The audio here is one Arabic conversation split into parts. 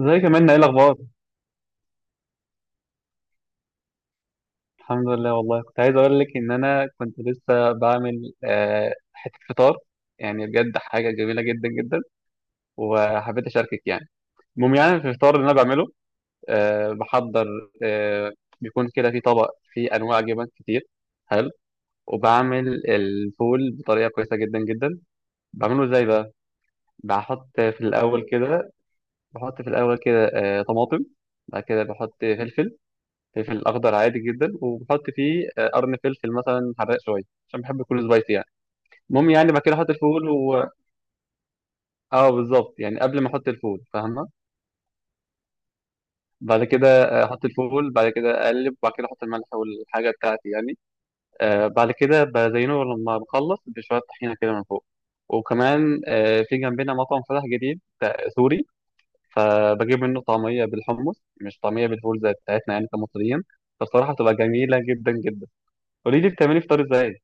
زي كمان ايه الاخبار. الحمد لله، والله كنت عايز اقول لك ان انا كنت لسه بعمل حته فطار. يعني بجد حاجه جميله جدا جدا، وحبيت اشاركك يعني. المهم، يعني في الفطار اللي انا بعمله بحضر. آه، بيكون كده في طبق فيه انواع جبن كتير حلو، وبعمل الفول بطريقه كويسه جدا جدا. بعمله ازاي بقى؟ بحط في الاول كده، بحط في الاول كده طماطم. بعد كده بحط فلفل، فلفل اخضر عادي جدا، وبحط فيه قرن فلفل مثلا حراق شويه، عشان بحب يكون سبايسي يعني. المهم يعني بعد كده احط الفول و... اه بالظبط، يعني قبل ما احط الفول، فاهمه؟ بعد كده احط الفول، بعد كده اقلب، وبعد كده احط الملح والحاجه بتاعتي يعني. آه، بعد كده بزينه لما بخلص بشويه طحينه كده من فوق. وكمان آه، في جنبنا مطعم فتح جديد سوري، فبجيب منه طعميه بالحمص، مش طعميه بالفول زي بتاعتنا يعني كمصريين. فالصراحه بتبقى جميله جدا جدا. قولي لي بتعملي فطار ازاي؟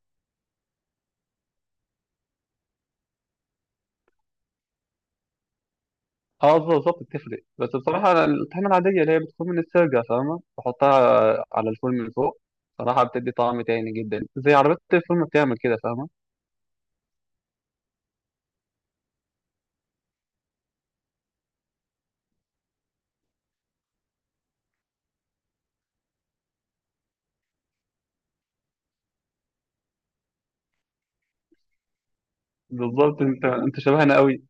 اه بالظبط بتفرق، بس بصراحة أنا الطحينة العادية اللي هي بتكون من السرجة، فاهمة، بحطها على الفول من فوق. صراحة بتدي طعم تاني جدا، زي عربية الفول ما بتعمل كده، فاهمة؟ بالظبط، انت شبهنا قوي.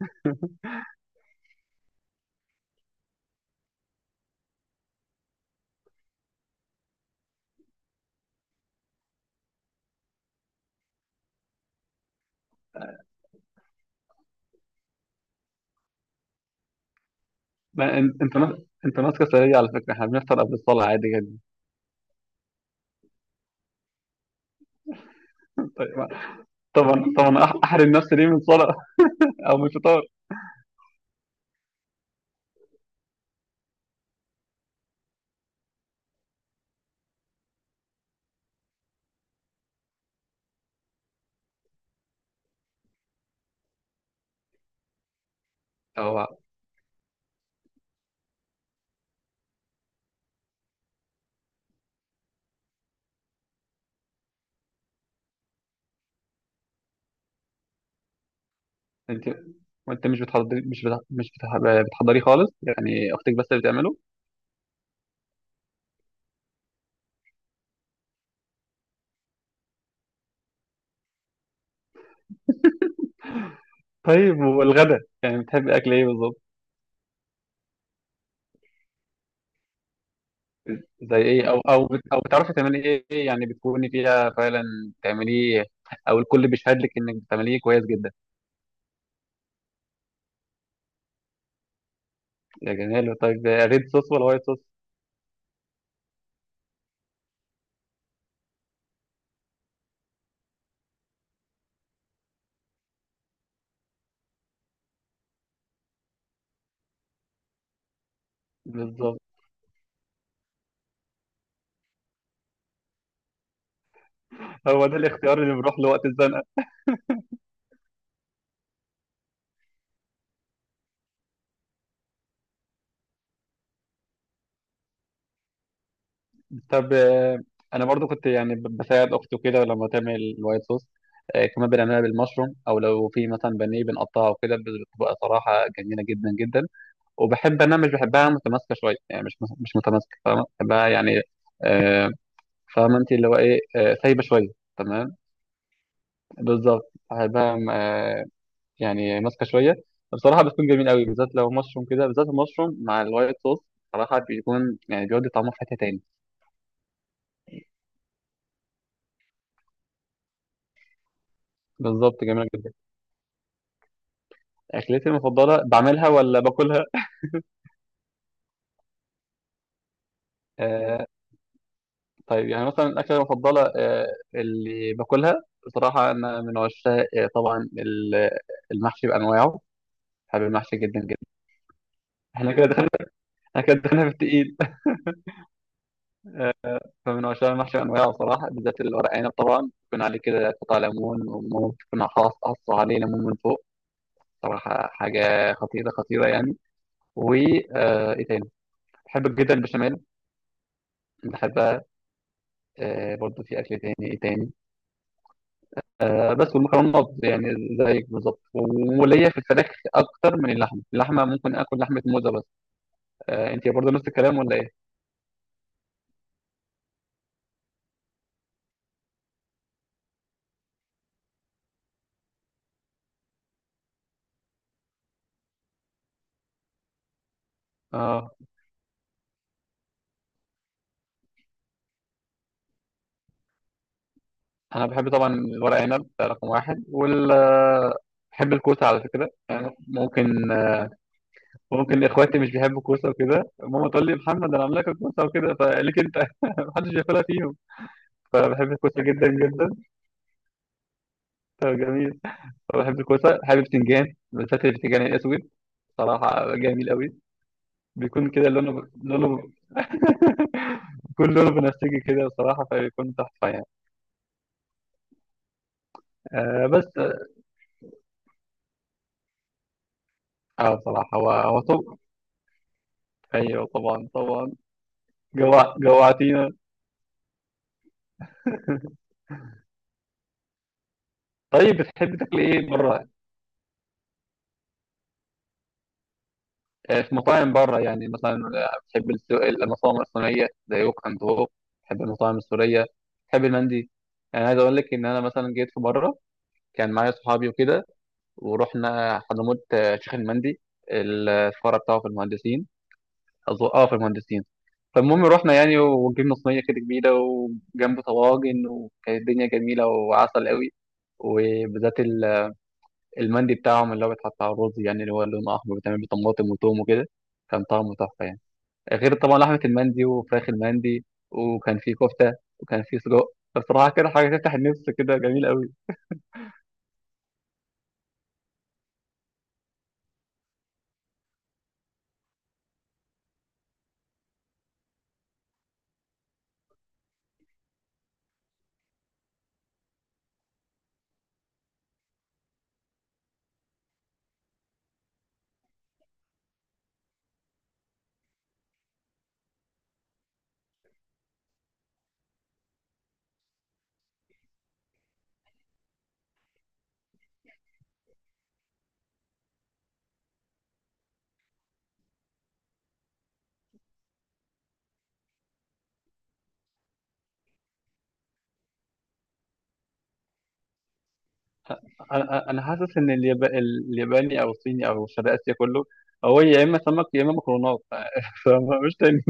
ما انت انت ماسكة سرية على فكرة، احنا بنفطر قبل الصلاة عادي جدا. طيب. طبعا طبعا، احرم نفسي ليه من الصلاة؟ او من الفطار. او انت، وانت مش بتحضري، مش بتح- مش بتح- بتحضريه خالص يعني؟ اختك بس اللي بتعمله؟ طيب، والغدا يعني بتحبي اكل ايه بالظبط؟ زي ايه؟ او بتعرفي تعملي ايه؟ إيه يعني بتكوني فيها فعلا تعمليه، او الكل بيشهد لك انك بتعمليه كويس جدا؟ يا جمال. طيب، ريد صوص ولا وايت صوص؟ بالظبط، هو ده الاختيار اللي بيروح لوقت الزنقه. طب آه، انا برضو كنت يعني بساعد اختي كده لما تعمل الوايت صوص. آه، كمان بنعملها بالمشروم، او لو في مثلا بانيه بنقطعه وكده. بتبقى صراحه جميله جدا جدا. وبحب، انا مش بحبها متماسكه شويه يعني، مش متماسكه، فاهمة؟ بحبها يعني آه، فاهمة انت اللي هو ايه، آه، سايبة شوية. تمام، بالظبط، هيبقى آه، يعني ماسكة شوية. بصراحة بتكون جميل قوي، بالذات لو مشروم كده، بالذات المشروم مع الوايت صوص. صراحة بيكون، يعني بيودي طعمه في حتة تاني. بالظبط، جميلة جدا. أكلتي المفضلة بعملها ولا باكلها؟ آه طيب، يعني مثلا الأكلة المفضلة آه، اللي باكلها، بصراحة أنا من عشاق آه، طبعا المحشي بأنواعه. بحب المحشي جدا جدا. احنا كده دخلنا احنا كده دخلنا في التقيل. فمن عشاق المحشي أنواعه، صراحة بالذات الورق عنب، طبعا يكون عليه كده قطع ليمون، وممكن تكون حاصة عليه ليمون من فوق. صراحة حاجة خطيرة خطيرة يعني. و آه، إيه تاني؟ بحب جدا البشاميل، بحبها. آه، برضه في أكل تاني، إيه تاني؟ آه، بس والمكرونات يعني زيك بالظبط. وليا في الفراخ أكتر من اللحمة. اللحمة ممكن آكل لحمة موزة بس. آه، أنت برضه نفس الكلام ولا إيه؟ آه، أنا بحب طبعا الورق عنب ده رقم واحد، وال آه، بحب الكوسة على فكرة يعني، ممكن ممكن اخواتي مش بيحبوا الكوسه وكده، ماما تقول لي محمد انا عامله لك الكوسه وكده، فقالك انت، محدش بياكلها فيهم. فبحب الكوسه جدا جدا. فجميل. فبحب الكوسه، حابب بتنجان، بالذات البتنجان الاسود. صراحه جميل قوي. بيكون كده لونه، لونه بيكون لونه بنفسجي كده بصراحه، فبيكون تحفه يعني. آه بس، اه بصراحه هو طب. ايوه طبعا طبعا. جوع، جوعتينا. طيب، بتحب تاكل ايه بره؟ آه، في مطاعم بره يعني مثلا، آه، بحب المطاعم الصينية زي ووك أند هوك. بحب المطاعم السورية. بحب المندي. يعني عايز أقول لك إن أنا مثلا جيت في مرة، كان معايا صحابي وكده، ورحنا حضرموت آه، شيخ المندي. الفرع بتاعه في المهندسين، أظن أه في المهندسين. فالمهم رحنا يعني، وجبنا صينية كده كبيرة، وجنب طواجن، وكانت الدنيا جميلة وعسل قوي. وبالذات المندي بتاعهم، اللي هو بيتحط على الرز، يعني اللي هو لونه أحمر، بيتعمل بطماطم وتوم وكده. كان طعمه تحفة يعني. غير طبعا لحمه المندي وفراخ المندي. وكان في كفته، وكان في سجق. بصراحه كده حاجه تفتح النفس، كده جميل قوي. أنا حاسس ان الياباني او الصيني او شرق اسيا كله، هو يا اما سمك يا اما مكرونات فمش تاني.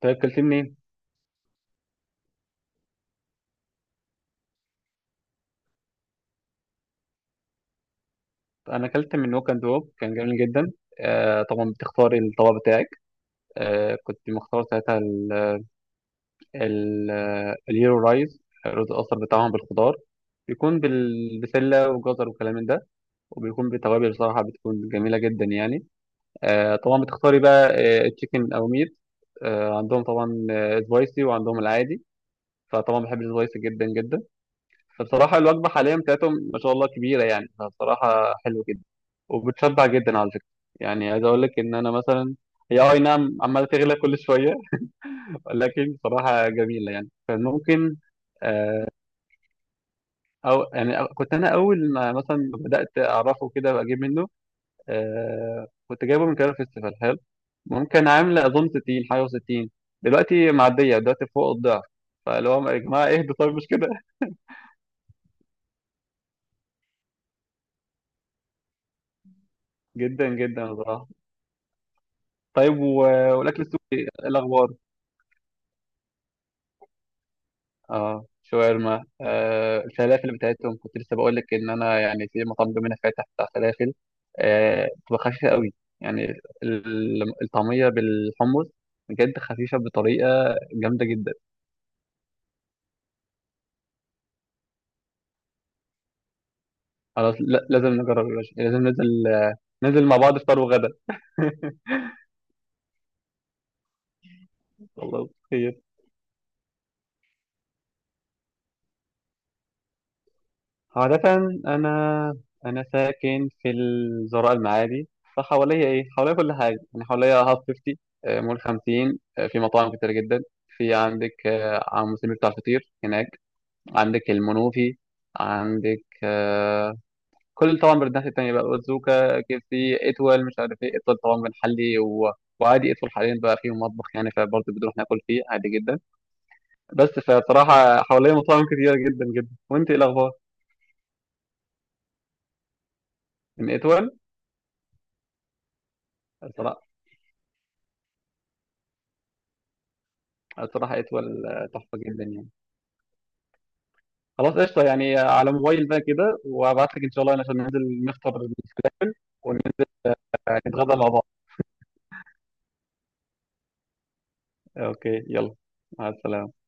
طيب اكلت منين؟ انا اكلت من ووك اند ووك، كان جميل جدا. آه طبعا بتختاري الطبق بتاعك. آه كنت مختار ساعتها ال... ال... اليورو رايز، الرز الاصفر بتاعهم بالخضار، بيكون بالبسله وجزر وكلام من ده، وبيكون بتوابل بصراحة بتكون جميلة جدا يعني. آه طبعا بتختاري بقى آه تشيكن أو ميت. آه عندهم طبعا آه سبايسي وعندهم العادي. فطبعا بحب السبايسي جدا جدا. فبصراحة الوجبة حاليا بتاعتهم ما شاء الله كبيرة يعني، فبصراحة حلو جدا. وبتشبع جدا على فكرة. يعني عايز أقول لك إن أنا مثلا، هي آه، أي نعم عمالة تغلى كل شوية ولكن بصراحة جميلة يعني، فممكن آه، أو يعني آه، كنت أنا أول ما مثلا بدأت أعرفه كده وأجيب منه آه، كنت جايبه من كده فيستيفال حلو، ممكن عاملة أظن 60 حاجة و60، دلوقتي معدية دلوقتي فوق الضعف. فاللي هو يا جماعة اهدوا طيب، مش كده؟ جدا جدا بصراحة. طيب و... والأكل السوري إيه الأخبار؟ اه شاورما، آه الفلافل بتاعتهم، كنت لسه بقول لك إن أنا يعني في مطعم جنبنا فاتح بتاع فلافل، آه بتبقى خفيفة قوي يعني، الطعمية بالحمص بجد خفيفة بطريقة جامدة جدا. خلاص لازم نجرب يا باشا. لازم ننزل، ننزل مع بعض فطار وغدا. خلاص خير. عادة، أنا أنا ساكن في الزراء المعادي، فحواليا إيه؟ حواليا كل حاجة يعني. حواليا هاف 50 آه، مول 50 آه، في مطاعم كتير جدا. في عندك آه، عم سمير بتاع الفطير هناك، عندك المنوفي، عندك آه، كل، طبعا بالناحية التانية بقى أوزوكا كيف سي إتول، مش عارف إيه. إتول طبعا بنحلي، و... وعادي إتول حاليا بقى فيه مطبخ يعني، فبرضه بنروح ناكل فيه عادي جدا بس. فبصراحة حواليا مطاعم كتير جدا جدا. وأنت إيه الأخبار؟ من إتول؟ صراحة اتول تحفة جدا يعني. خلاص قشطة، يعني على موبايل بقى كده وابعت لك ان شاء الله، عشان ننزل نفطر ونتغدى مع بعض. اوكي، يلا، مع السلامة.